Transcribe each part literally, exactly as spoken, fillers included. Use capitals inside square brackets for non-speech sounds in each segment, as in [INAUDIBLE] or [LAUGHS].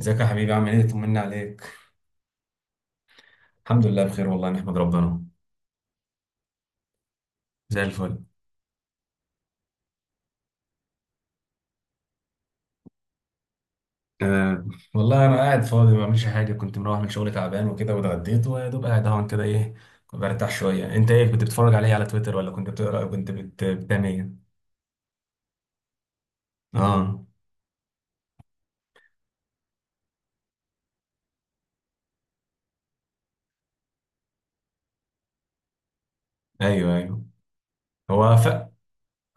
ازيك يا حبيبي، عامل ايه؟ طمنا عليك. الحمد لله بخير والله، نحمد ربنا. زي الفل. أه. والله انا قاعد فاضي ما بعملش حاجه، كنت مروح من شغل تعبان وكده واتغديت ويا دوب قاعد اهون كده، ايه. كنت برتاح شويه. انت ايه كنت بتتفرج عليه على تويتر ولا كنت بتقرا أو كنت بت... بتعمل ايه؟ اه، ايوه ايوه. هو ف...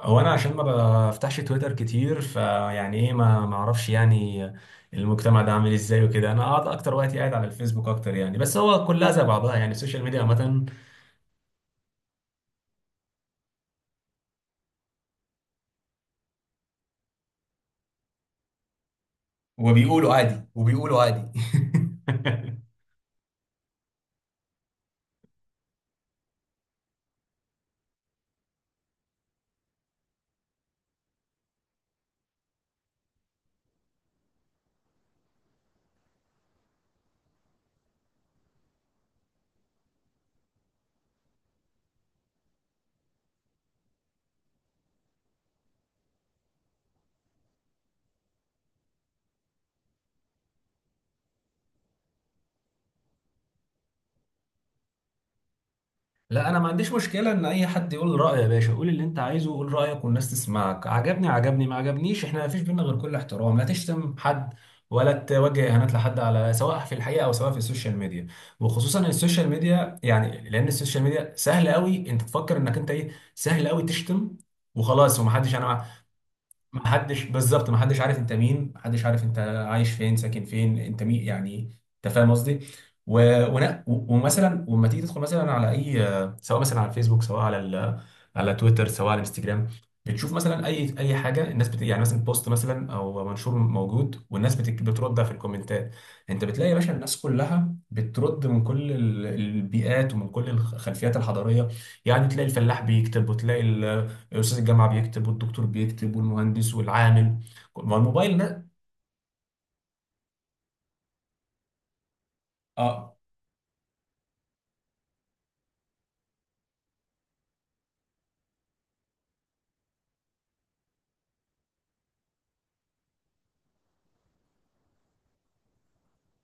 هو انا عشان ما بفتحش تويتر كتير، فيعني ايه، ما ما اعرفش يعني المجتمع ده عامل ازاي وكده. انا قاعد اكتر وقت، قاعد على الفيسبوك اكتر يعني، بس هو كلها زي بعضها يعني، السوشيال ميديا عامه. وبيقولوا عادي وبيقولوا عادي [LAUGHS] لا، انا ما عنديش مشكله ان اي حد يقول رايه. يا باشا قول اللي انت عايزه، قول رايك والناس تسمعك، عجبني عجبني ما عجبنيش، احنا ما فيش بينا غير كل احترام، لا تشتم حد ولا توجه اهانات لحد، على سواء في الحقيقه او سواء في السوشيال ميديا. وخصوصا السوشيال ميديا يعني، لان السوشيال ميديا سهل قوي انت تفكر انك انت ايه، سهل قوي تشتم وخلاص، ومحدش. انا... محدش بالظبط، محدش عارف انت مين، محدش عارف انت عايش فين، ساكن فين، انت مين يعني، انت فاهم قصدي. و... ون- و... ومثلا ولما تيجي تدخل مثلا على اي، سواء مثلا على الفيسبوك، سواء على ال... على تويتر، سواء على الانستجرام، بتشوف مثلا اي اي حاجه، الناس بت... يعني مثلا بوست مثلا او منشور موجود، والناس بت... بترد في الكومنتات. انت بتلاقي يا باشا الناس كلها بترد من كل ال- البيئات ومن كل الخلفيات الحضاريه، يعني تلاقي الفلاح بيكتب، وتلاقي استاذ الجامعه بيكتب، والدكتور بيكتب، والمهندس والعامل. ما هو الموبايل ده. اه،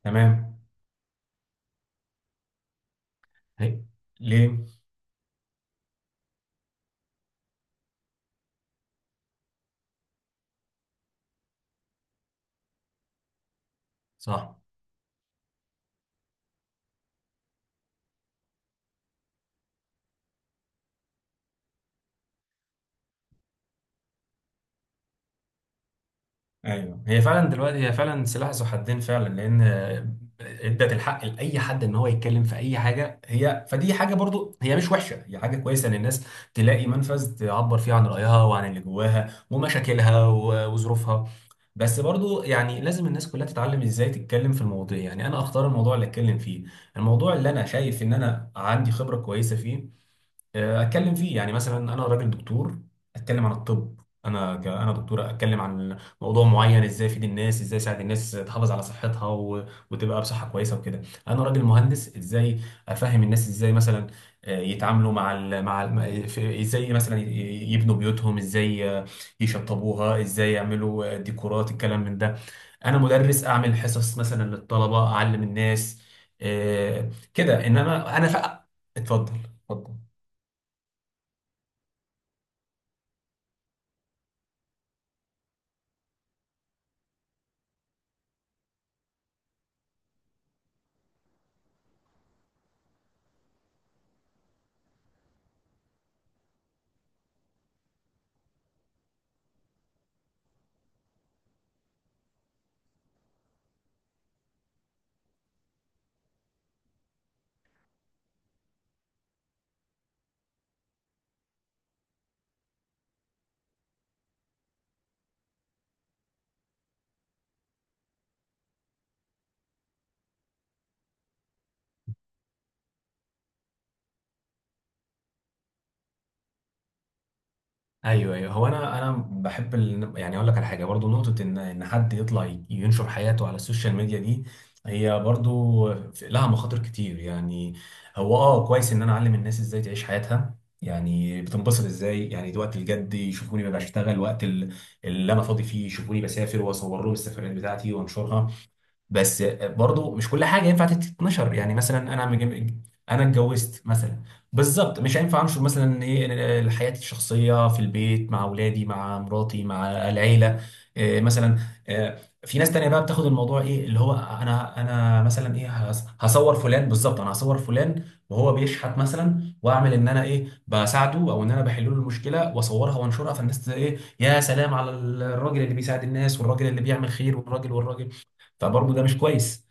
تمام. هي- ليه؟ صح. ايوه، هي فعلا دلوقتي، هي فعلا سلاح ذو حدين فعلا، لان ادت الحق لاي حد ان هو يتكلم في اي حاجه، هي فدي حاجه برضو، هي مش وحشه، هي حاجه كويسه ان الناس تلاقي منفذ تعبر فيه عن رايها وعن اللي جواها ومشاكلها و- وظروفها. بس برضو يعني لازم الناس كلها تتعلم ازاي تتكلم في المواضيع، يعني انا اختار الموضوع اللي اتكلم فيه، الموضوع اللي انا شايف ان انا عندي خبره كويسه فيه، آه، اتكلم فيه. يعني مثلا انا راجل دكتور، اتكلم عن الطب. انا ك... انا دكتور، اتكلم عن موضوع معين، ازاي افيد الناس، ازاي اساعد الناس تحافظ على صحتها و... وتبقى بصحه كويسه وكده. انا راجل مهندس، ازاي افهم الناس، ازاي مثلا آه، يتعاملوا مع ال... مع ال... في- ازاي مثلا ي- يبنوا بيوتهم، ازاي آه، يشطبوها، ازاي يعملوا آه، ديكورات، الكلام من ده. انا مدرس، اعمل حصص مثلا للطلبه، اعلم الناس آه، كده، انما انا ف... اتفضل. اتفضل. ايوه ايوه. هو انا انا بحب ال... يعني اقول لك على حاجه برضو، نقطه ان ان حد يطلع ي- ينشر حياته على السوشيال ميديا دي، هي برضو في- لها مخاطر كتير يعني. هو اه كويس ان انا اعلم الناس ازاي تعيش حياتها، يعني بتنبسط ازاي، يعني دي وقت الجد يشوفوني ببقى بشتغل، وقت ال- اللي انا فاضي فيه يشوفوني بسافر واصور لهم السفريات بتاعتي وانشرها. بس برضو مش كل حاجه ينفع تتنشر، يعني مثلا انا مج... انا اتجوزت مثلا، بالظبط مش هينفع انشر مثلا ايه حياتي الشخصيه في البيت، مع اولادي مع مراتي مع العيله. إيه مثلا؟ إيه. في ناس تانية بقى بتاخد الموضوع، ايه اللي هو انا، انا مثلا ايه، هص- هصور فلان، بالظبط انا هصور فلان وهو بيشحت مثلا، واعمل ان انا ايه بساعده، او ان انا بحل له المشكله واصورها وانشرها، فالناس ت- ايه، يا سلام على الراجل اللي بيساعد الناس، والراجل اللي بيعمل خير، والراجل والراجل. فبرضه ده مش كويس.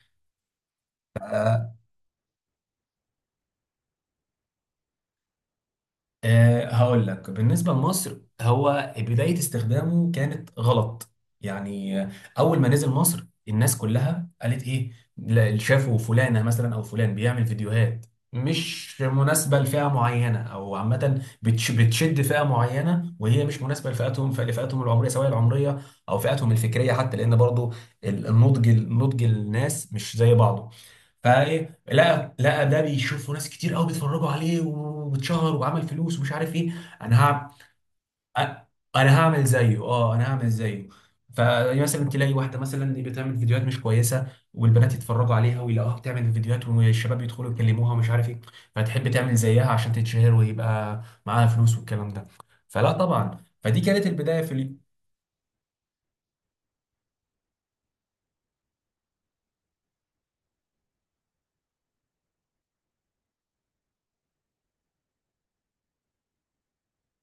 أه، هقول لك. بالنسبة لمصر، هو بداية استخدامه كانت غلط. يعني آه، أول ما نزل مصر الناس كلها قالت إيه، لا، شافوا فلانة مثلا أو فلان بيعمل فيديوهات مش مناسبة لفئة معينة أو عامة، بتش بتشد فئة معينة وهي مش مناسبة لفئتهم، لفئتهم العمرية، سواء العمرية أو فئتهم الفكرية حتى، لأن برضه ال- النضج النضج، الناس مش زي بعضه. فايه، لقى لقى ده بيشوفه ناس كتير قوي، بيتفرجوا عليه واتشهر وعمل فلوس ومش عارف ايه. انا هعمل انا هعمل زيه، اه انا هعمل زيه. فمثلا تلاقي واحده مثلا بتعمل فيديوهات مش كويسه، والبنات يتفرجوا عليها ويلاقوها بتعمل فيديوهات، والشباب يدخلوا يكلموها ومش عارف ايه، فتحب تعمل زيها عشان تتشهر ويبقى معاها فلوس والكلام ده. فلا طبعا، فدي كانت البدايه في ال-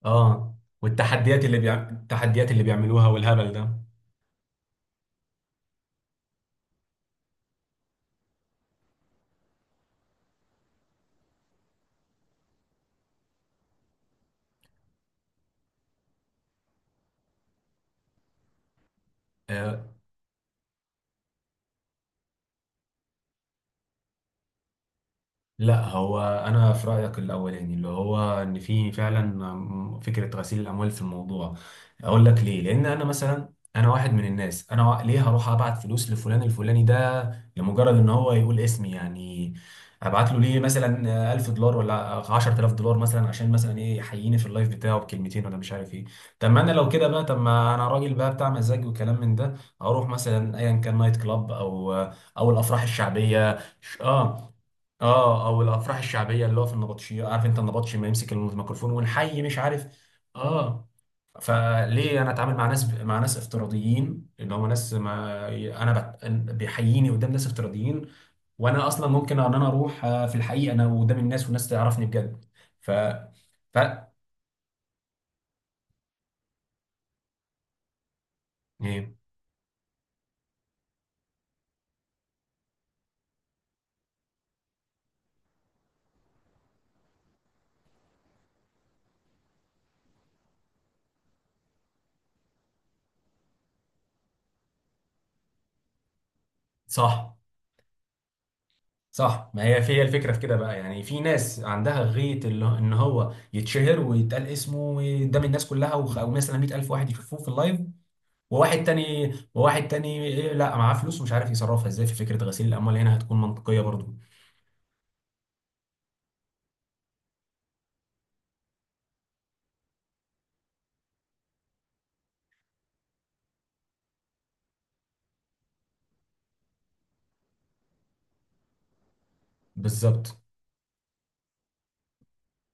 اه. والتحديات اللي بيع... التحديات اللي بيعملوها والهبل ده. آه، لا، هو انا في رايك الاولاني، اللي هو ان في فعلا فكره غسيل الاموال في الموضوع. اقول لك ليه. لان انا مثلا، انا واحد من الناس، انا وا- ليه هروح ابعت فلوس لفلان الفلاني ده لمجرد ان هو يقول اسمي يعني؟ ابعت له ليه مثلا ألف دولار ولا عشرة آلاف دولار مثلا، عشان مثلا ايه، يحييني في اللايف بتاعه بكلمتين ولا مش عارف ايه؟ طب ما انا لو كده بقى، طب ما انا راجل بقى بتاع مزاج وكلام من ده، اروح مثلا ايا كان نايت كلاب او او الافراح الشعبيه. اه، اه، او الافراح الشعبيه اللي هو في النبطشيه، عارف انت النبطشي ما يمسك الميكروفون والحي مش عارف. اه، فليه انا اتعامل مع ناس مع ناس افتراضيين، اللي هم ناس ما انا بت... بيحييني قدام ناس افتراضيين، وانا اصلا ممكن ان انا اروح آه، في الحقيقه انا قدام الناس والناس تعرفني بجد. ف ف ايه؟ صح، صح. ما هي هي الفكره في كده بقى، يعني في ناس عندها غيه اللي... ان هو يتشهر ويتقال اسمه قدام الناس كلها، وخ- او مثلا مائة ألف واحد يشوفوه في اللايف، وواحد تاني وواحد تاني إيه، لا معاه فلوس ومش عارف يصرفها ازاي، في فكره غسيل الاموال هنا هتكون منطقيه برضو. بالظبط،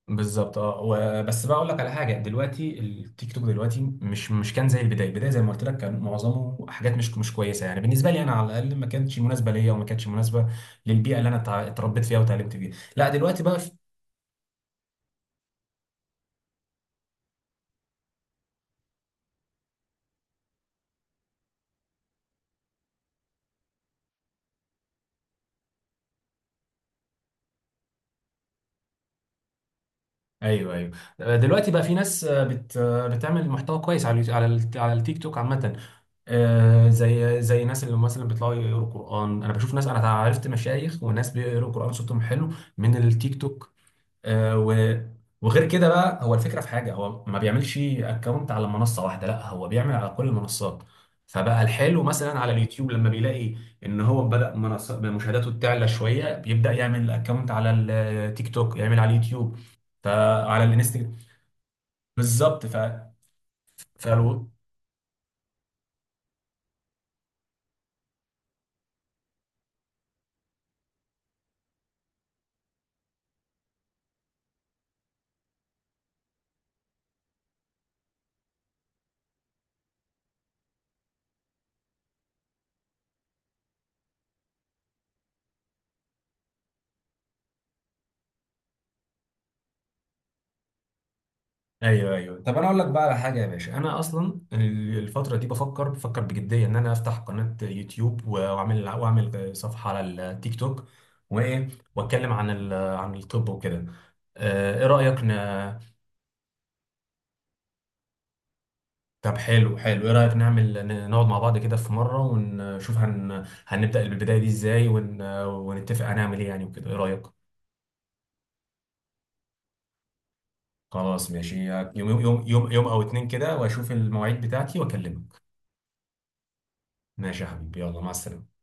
بالظبط. اه، و- بس بقى اقول لك على حاجه، دلوقتي التيك توك دلوقتي مش مش كان زي البدايه، البدايه زي ما قلت لك كان معظمه حاجات مش مش كويسه، يعني بالنسبه لي انا على الاقل ما كانتش مناسبه ليا، وما كانتش مناسبه للبيئه اللي انا اتع- اتربيت فيها وتعلمت فيها. لا دلوقتي بقى، ايوه ايوه، دلوقتي بقى في ناس بت بتعمل محتوى كويس على اليوت- على الت- على التيك توك عامه. آه، زي زي ناس اللي مثلا بيطلعوا يقروا قران، انا بشوف ناس، انا عرفت مشايخ وناس بيقروا قران صوتهم حلو من التيك توك. آه، و وغير كده بقى، هو الفكره في حاجه، هو ما بيعملش اكونت على منصه واحده، لا هو بيعمل على كل المنصات. فبقى الحلو مثلا على اليوتيوب، لما بيلاقي ان هو بدأ منصة مشاهداته تعلى شويه، بيبدأ يعمل اكونت على التيك توك، يعمل على اليوتيوب، فعلى الانستجرام. بالظبط. ف فلو ايوه ايوه، طب انا اقول لك بقى على حاجه يا باشا، انا اصلا الفتره دي بفكر بفكر بجديه ان انا افتح قناه يوتيوب، واعمل واعمل صفحه على التيك توك، وايه، واتكلم عن ال- عن الطب وكده. آه، ايه رايك ن... طب حلو، حلو، ايه رايك نعمل ن- نقعد مع بعض كده في مره، ونشوف هن... هنبدا البدايه دي ازاي، ون... ونتفق هنعمل ايه يعني وكده، ايه رايك؟ خلاص ماشي. يوم يوم يوم يوم او اتنين كده، واشوف المواعيد بتاعتي واكلمك. ماشي يا حبيبي، يلا مع السلامه.